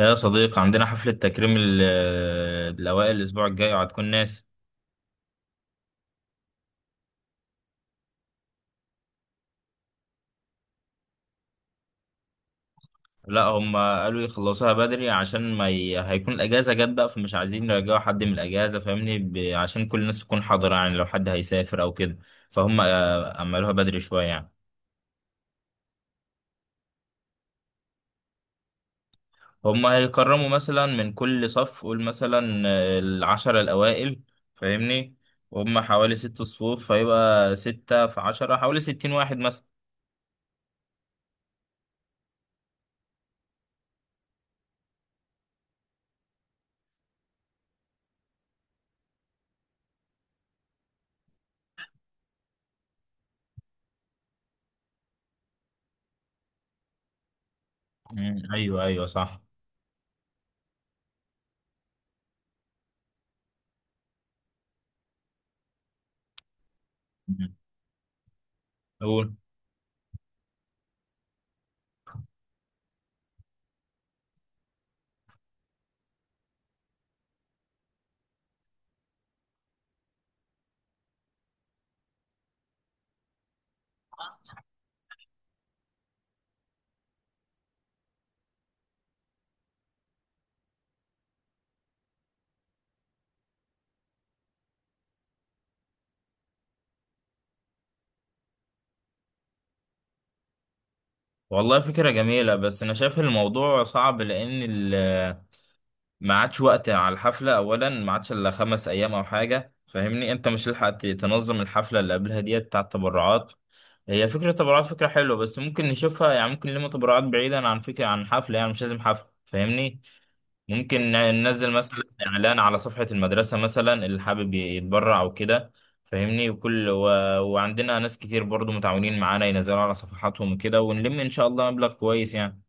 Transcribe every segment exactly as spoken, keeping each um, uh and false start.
يا صديقي، عندنا حفلة تكريم ال- الأوائل الأسبوع الجاي وهتكون ناس. لا، هم قالوا يخلصوها بدري عشان ما ي... هيكون الأجازة جت بقى، فمش عايزين يرجعوا حد من الأجازة. فاهمني؟ ب... عشان كل الناس تكون حاضرة، يعني لو حد هيسافر أو كده. فهم آه، عملوها بدري شوية يعني. هم هيكرموا مثلا من كل صف، قول مثلا آه، العشرة الأوائل. فاهمني؟ وهم حوالي ست صفوف، فيبقى ستة في عشرة حوالي ستين واحد مثلا. مم، أيوه أيوه صح. مم. قول. والله فكرة جميلة، بس أنا شايف الموضوع صعب لأن ال- ما عادش وقت على الحفلة. أولا ما عادش إلا خمس أيام أو حاجة، فاهمني؟ أنت مش هتلحق ت- تنظم الحفلة اللي قبلها ديت بتاع التبرعات. هي فكرة التبرعات فكرة حلوة، بس ممكن نشوفها يعني. ممكن لما تبرعات بعيدا عن فكرة عن حفلة، يعني مش لازم حفلة، فاهمني؟ ممكن ن- ننزل مثلا إعلان على صفحة المدرسة مثلا، اللي حابب ي- يتبرع أو كده. فاهمني؟ وكل و... وعندنا ناس كتير برضو متعاونين معانا، ينزلوا على صفحاتهم وكده، ونلم إن شاء الله مبلغ كويس يعني.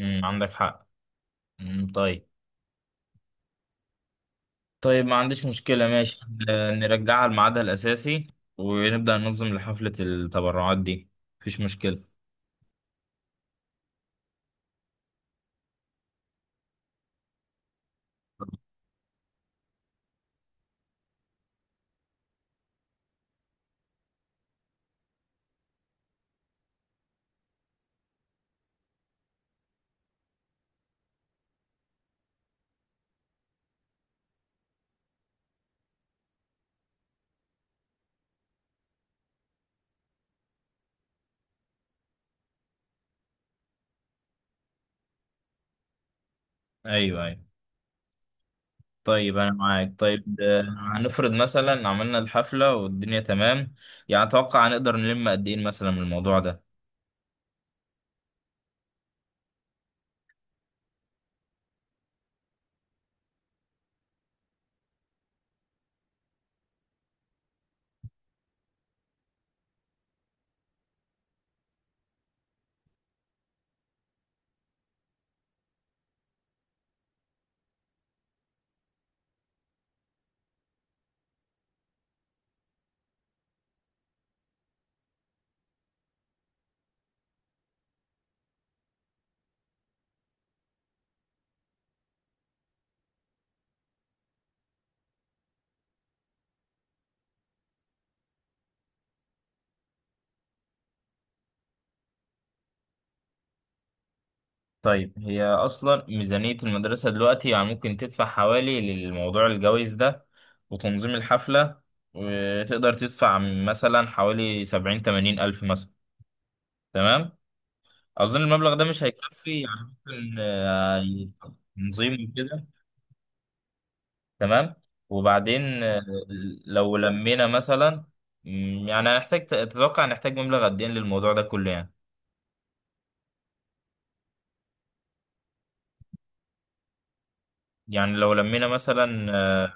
امم، عندك حق. امم، طيب. طيب، ما عنديش مشكلة، ماشي. آه، نرجعها لميعادها الأساسي ونبدأ ننظم لحفلة التبرعات دي. مفيش مشكلة. أيوه أيوه. طيب أنا معاك، طيب آه، هنفرض مثلا عملنا الحفلة والدنيا تمام، يعني أتوقع هنقدر نلم قد إيه مثلا من الموضوع ده؟ طيب، هي أصلا ميزانية المدرسة دلوقتي يعني ممكن تدفع حوالي للموضوع الجوائز ده وتنظيم الحفلة، وتقدر تدفع مثلا حوالي سبعين تمانين ألف مثلا. تمام. اظن المبلغ ده مش هيكفي يعني. ممكن آه، تنظيم كده. تمام، وبعدين آه، لو لمينا مثلا، مم، يعني هنحتاج، تتوقع نحتاج مبلغ قد ايه للموضوع ده كله يعني؟ يعني لو لمينا مثلا آه،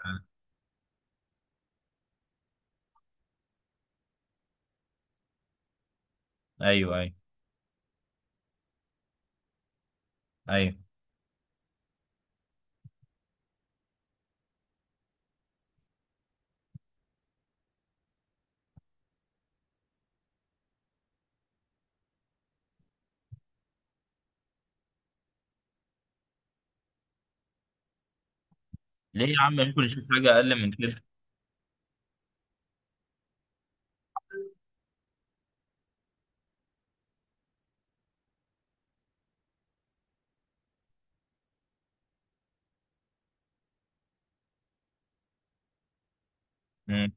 ايوه ايوه ايوه. ليه يا عم؟ ممكن نشوف حاجه اقل من كده. مم،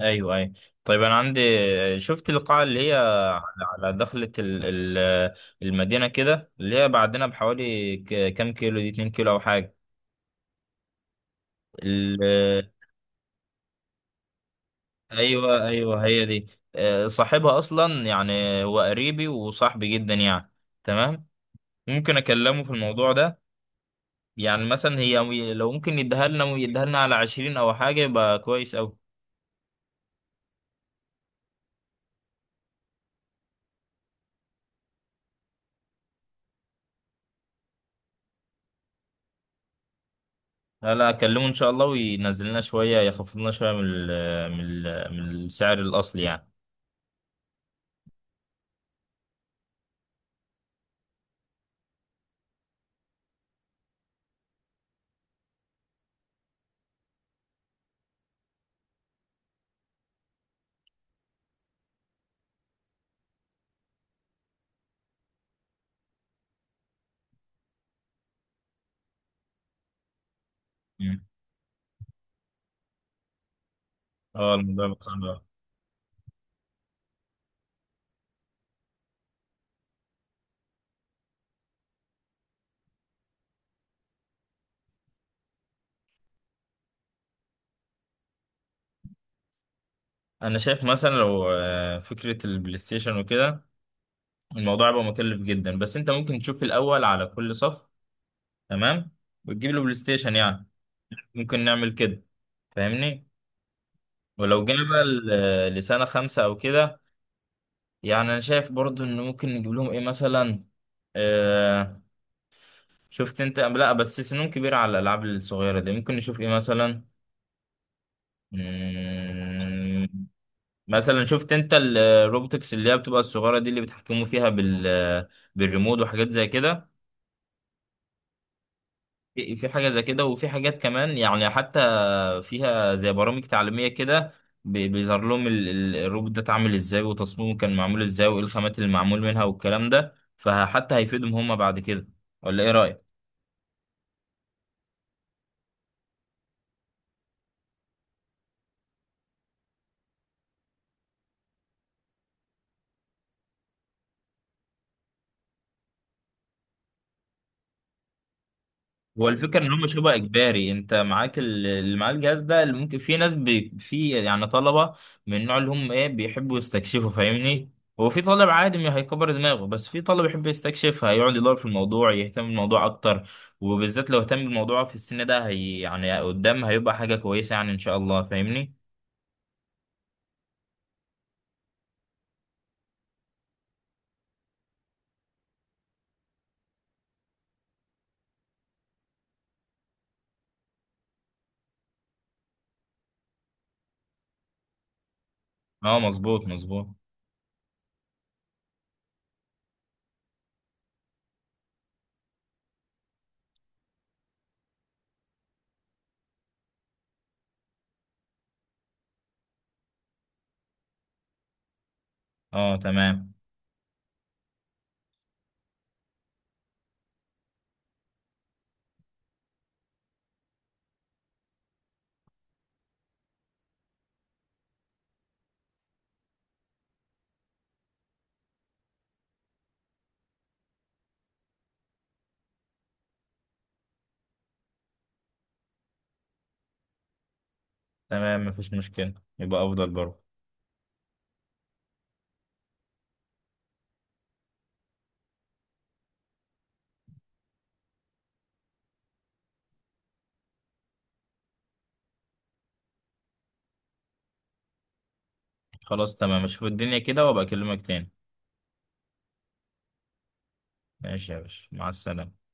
ايوه ايوه. طيب انا عندي، شفت القاعه اللي هي على، على دخله ال- ال- المدينه كده، اللي هي بعدنا بحوالي ك- كام كيلو، دي اتنين كيلو او حاجه. ايوه ايوه، هي دي. آه، صاحبها اصلا يعني، هو قريبي وصاحبي جدا يعني. تمام، ممكن اكلمه في الموضوع ده. يعني مثلا هي لو ممكن يديها لنا، ويديها لنا على عشرين او حاجه، يبقى كويس اوي. لا لا، اكلمه ان شاء الله وينزل لنا شويه، يخفض لنا شويه من ال- من ال- من السعر الاصلي يعني. مم. اه، الموضوع بقى صعب أوي. انا شايف مثلا لو آه، فكره البلاي ستيشن وكده، الموضوع هيبقى مكلف جدا، بس انت ممكن تشوف الاول على كل صف، تمام، وتجيب له بلاي ستيشن يعني. ممكن نعمل كده، فاهمني؟ ولو جينا بقى ل- لسنة خمسة أو كده، يعني أنا شايف برضو إن ممكن نجيب لهم إيه مثلا. آه، شفت أنت؟ لا بس سنهم كبيرة على الألعاب الصغيرة دي، ممكن نشوف إيه مثلا. مم، مثلا شفت أنت ال- الروبوتكس اللي هي بتبقى الصغيرة دي، اللي بيتحكموا فيها بال بالريموت وحاجات زي كده. في في حاجة زي كده، وفي حاجات كمان يعني، حتى فيها زي برامج تعليمية كده، بي- بيظهر لهم ال- ال- الروبوت ده اتعمل ازاي، وتصميمه كان معمول ازاي، وايه الخامات اللي معمول منها والكلام ده، فحتى هيفيدهم هم بعد كده. ولا ايه رأيك؟ هو الفكرة إن هم شبه إجباري. أنت معاك ال- اللي معاه الجهاز ده، اللي ممكن في ناس بي في يعني طلبة من النوع اللي هم إيه، بيحبوا يستكشفوا، فاهمني؟ هو في طالب عادي ما هيكبر دماغه، بس في طالب يحب يستكشف، هيقعد يدور في الموضوع، يهتم بالموضوع أكتر، وبالذات لو اهتم بالموضوع في السن ده، هي يعني قدام هيبقى حاجة كويسة يعني إن شاء الله، فاهمني؟ أه مظبوط مظبوط. أه تمام. تمام مفيش مشكلة، يبقى أفضل برضه. خلاص تمام، أشوف الدنيا كده وأبقى أكلمك تاني. ماشي يا باشا، مع السلامة.